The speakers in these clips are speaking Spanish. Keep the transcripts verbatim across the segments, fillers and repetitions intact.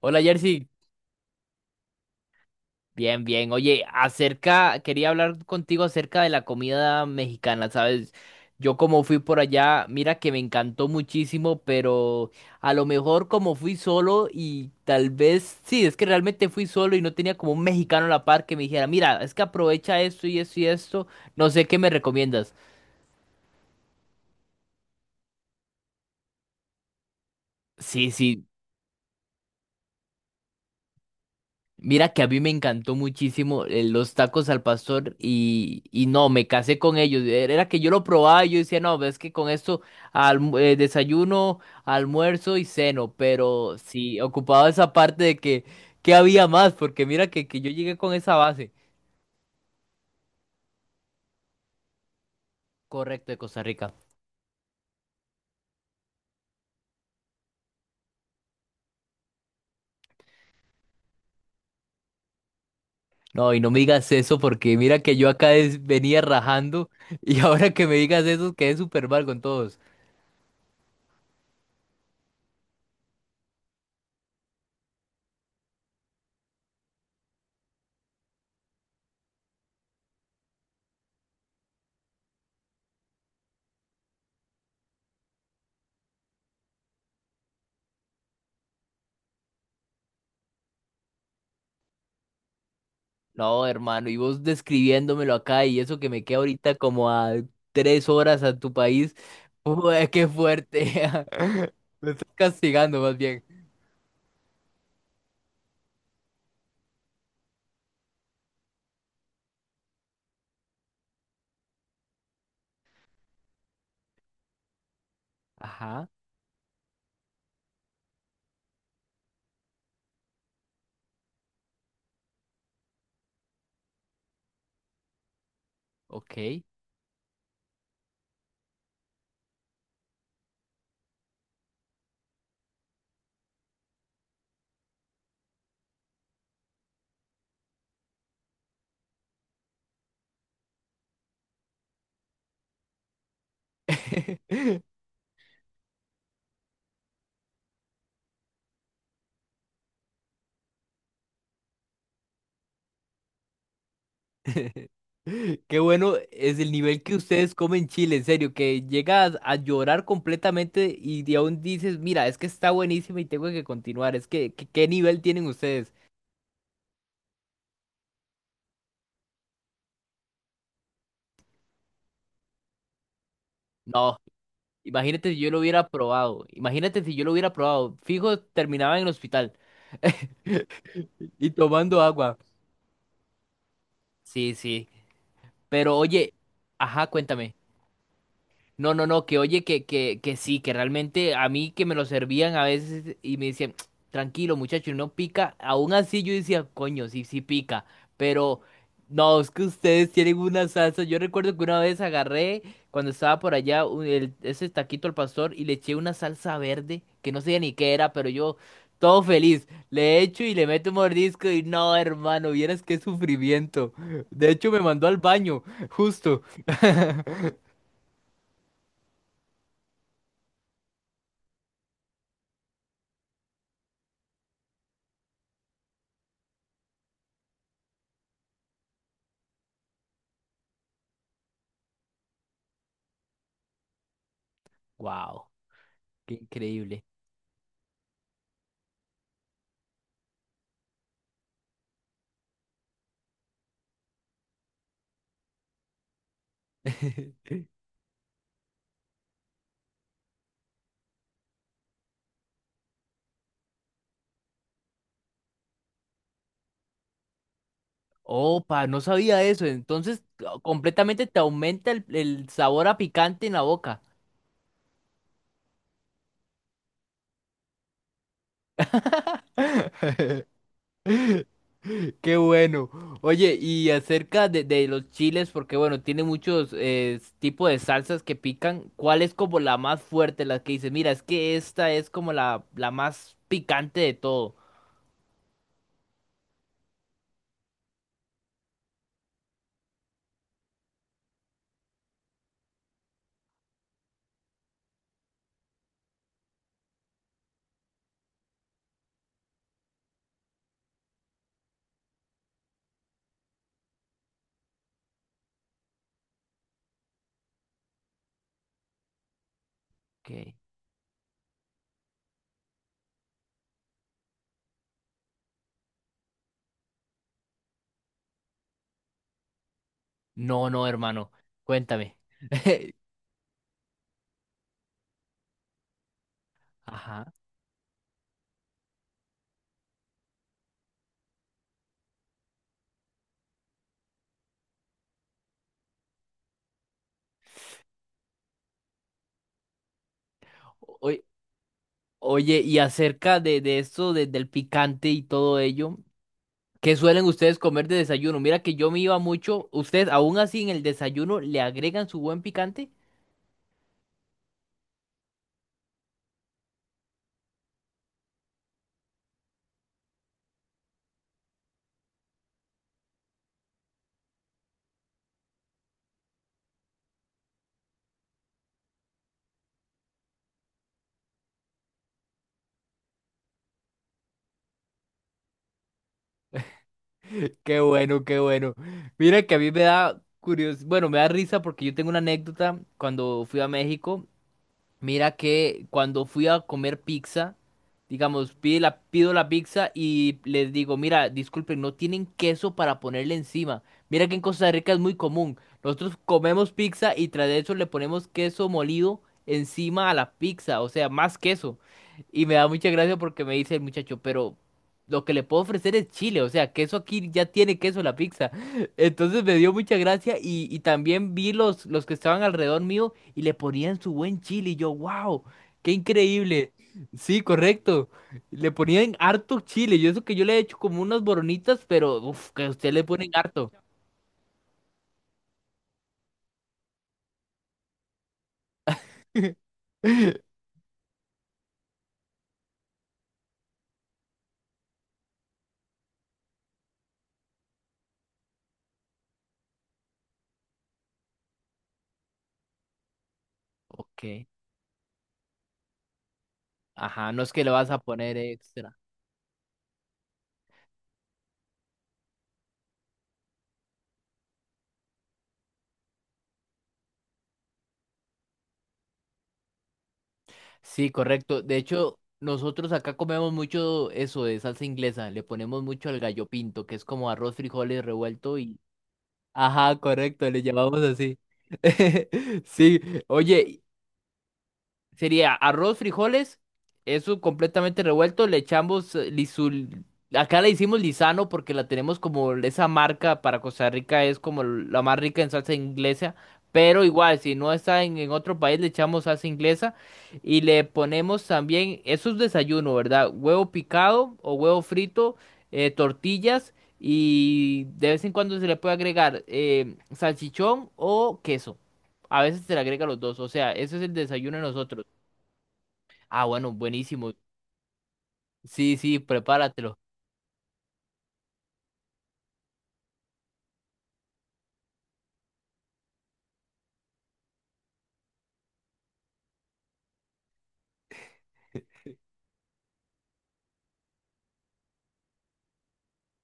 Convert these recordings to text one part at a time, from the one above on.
Hola Jersey, bien, bien. Oye, acerca, quería hablar contigo acerca de la comida mexicana, ¿sabes? Yo como fui por allá, mira que me encantó muchísimo, pero a lo mejor como fui solo y tal vez, sí, es que realmente fui solo y no tenía como un mexicano a la par que me dijera, mira, es que aprovecha esto y esto y esto, no sé qué me recomiendas. Sí, sí. Mira que a mí me encantó muchísimo eh, los tacos al pastor y, y no, me casé con ellos. Era era que yo lo probaba y yo decía, no, ves que con esto alm- eh, desayuno, almuerzo y ceno, pero sí, ocupaba esa parte de que, que había más, porque mira que, que yo llegué con esa base. Correcto, de Costa Rica. No, y no me digas eso porque mira que yo acá es- venía rajando y ahora que me digas eso quedé súper mal con todos. No, hermano, y vos describiéndomelo acá y eso que me queda ahorita como a tres horas a tu país. Ué, qué fuerte. Me estás castigando más bien. Ajá, ok. Qué bueno es el nivel que ustedes comen chile, en serio, que llegas a llorar completamente y de aún dices, mira, es que está buenísima y tengo que continuar. Es que, que- ¿qué nivel tienen ustedes? No. Imagínate si yo lo hubiera probado. Imagínate si yo lo hubiera probado. Fijo, terminaba en el hospital y tomando agua. Sí, sí. Pero oye, ajá, cuéntame. No, no, no, que oye, que, que, que sí, que realmente a mí que me lo servían a veces y me decían: "Tsk, tranquilo muchacho, no pica". Aún así yo decía, coño, sí, sí pica, pero no, es que ustedes tienen una salsa, yo recuerdo que una vez agarré cuando estaba por allá un- el- ese taquito al pastor y le eché una salsa verde, que no sé ni qué era, pero yo todo feliz, le echo y le meto un mordisco y no, hermano, vieras qué sufrimiento, de hecho me mandó al baño, justo, wow, qué increíble. Opa, no sabía eso. Entonces, completamente te aumenta el, el sabor a picante en la boca. Qué bueno. Oye, y acerca de, de los chiles, porque bueno, tiene muchos eh, tipos de salsas que pican. ¿Cuál es como la más fuerte, la que dices, mira, es que esta es como la, la más picante de todo? Ok. No, no, hermano. Cuéntame. Ajá. Oy- Oye, y acerca de, de esto, de- del picante y todo ello. ¿Qué suelen ustedes comer de desayuno? Mira que yo me iba mucho. ¿Ustedes aún así en el desayuno le agregan su buen picante? Qué bueno, qué bueno. Mira que a mí me da curiosidad, bueno, me da risa porque yo tengo una anécdota cuando fui a México. Mira que cuando fui a comer pizza, digamos, pide la- pido la pizza y les digo, mira, disculpen, no tienen queso para ponerle encima. Mira que en Costa Rica es muy común. Nosotros comemos pizza y tras de eso le ponemos queso molido encima a la pizza, o sea, más queso. Y me da mucha gracia porque me dice el muchacho, pero lo que le puedo ofrecer es chile, o sea, queso aquí ya tiene queso la pizza. Entonces me dio mucha gracia y, y también vi los, los que estaban alrededor mío y le ponían su buen chile. Y yo, wow, qué increíble. Sí, correcto. Le ponían harto chile. Yo eso que yo le he hecho como unas boronitas, pero uf, que a usted le ponen harto. Ok. Ajá, no es que le vas a poner extra. Sí, correcto. De hecho, nosotros acá comemos mucho eso de salsa inglesa. Le ponemos mucho al gallo pinto, que es como arroz, frijoles revuelto y... Ajá, correcto, le llamamos así. Sí, oye, sería arroz, frijoles, eso completamente revuelto, le echamos eh, lisul... Acá le hicimos lisano porque la tenemos como esa marca para Costa Rica es como la más rica en salsa inglesa, pero igual si no está en, en otro país le echamos salsa inglesa y le ponemos también, eso es desayuno, ¿verdad? Huevo picado o huevo frito, eh, tortillas y de vez en cuando se le puede agregar eh, salchichón o queso. A veces se le agrega los dos, o sea, ese es el desayuno de nosotros. Ah, bueno, buenísimo. Sí, sí, prepáratelo.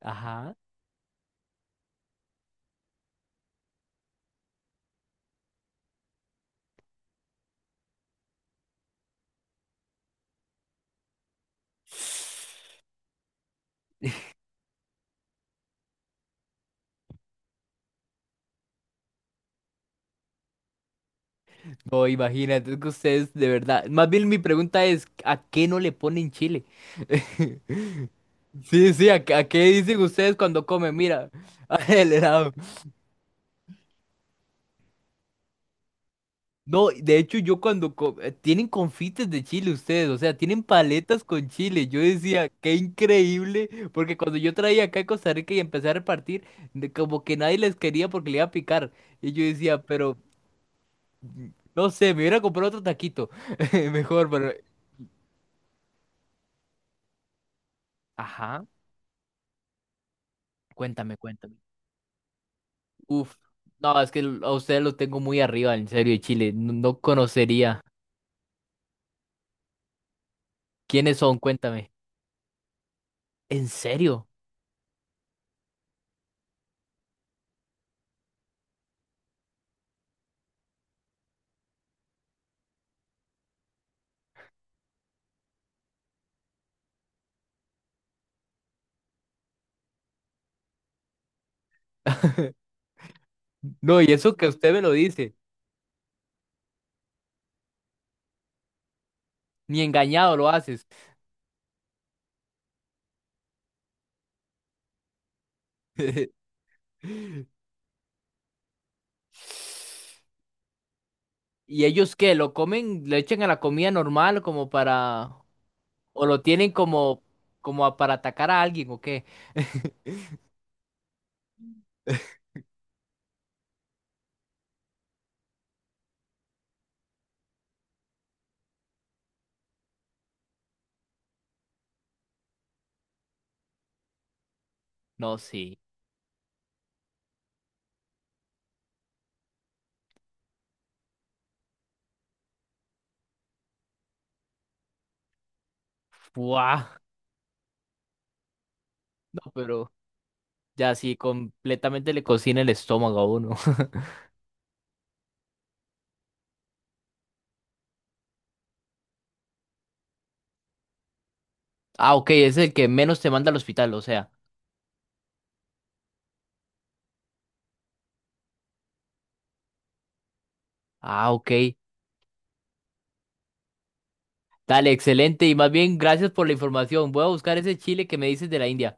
Ajá. No, imagínate es que ustedes de verdad. Más bien mi pregunta es, ¿a qué no le ponen chile? Sí, sí, ¿a, qué a qué dicen ustedes cuando comen? Mira, el helado. No, de hecho yo cuando co- eh, tienen confites de chile ustedes, o sea, tienen paletas con chile. Yo decía, qué increíble, porque cuando yo traía acá a Costa Rica y empecé a repartir, de- como que nadie les quería porque le iba a picar. Y yo decía, pero no sé, me hubiera comprado otro taquito. Mejor, pero. Ajá. Cuéntame, cuéntame. Uf. No, es que a ustedes lo tengo muy arriba, en serio, de Chile. No, no conocería. ¿Quiénes son? Cuéntame. ¿En serio? No, y eso que usted me lo dice. Ni engañado lo haces. ¿Y ellos qué? ¿Lo comen? ¿Le echan a la comida normal como para... o lo tienen como, como a- para atacar a alguien o qué? No, sí. Buah. No, pero... Ya sí, completamente le cocina el estómago a uno. Ah, ok, es el que menos te manda al hospital, o sea. Ah, ok. Dale, excelente. Y más bien, gracias por la información. Voy a buscar ese chile que me dices de la India.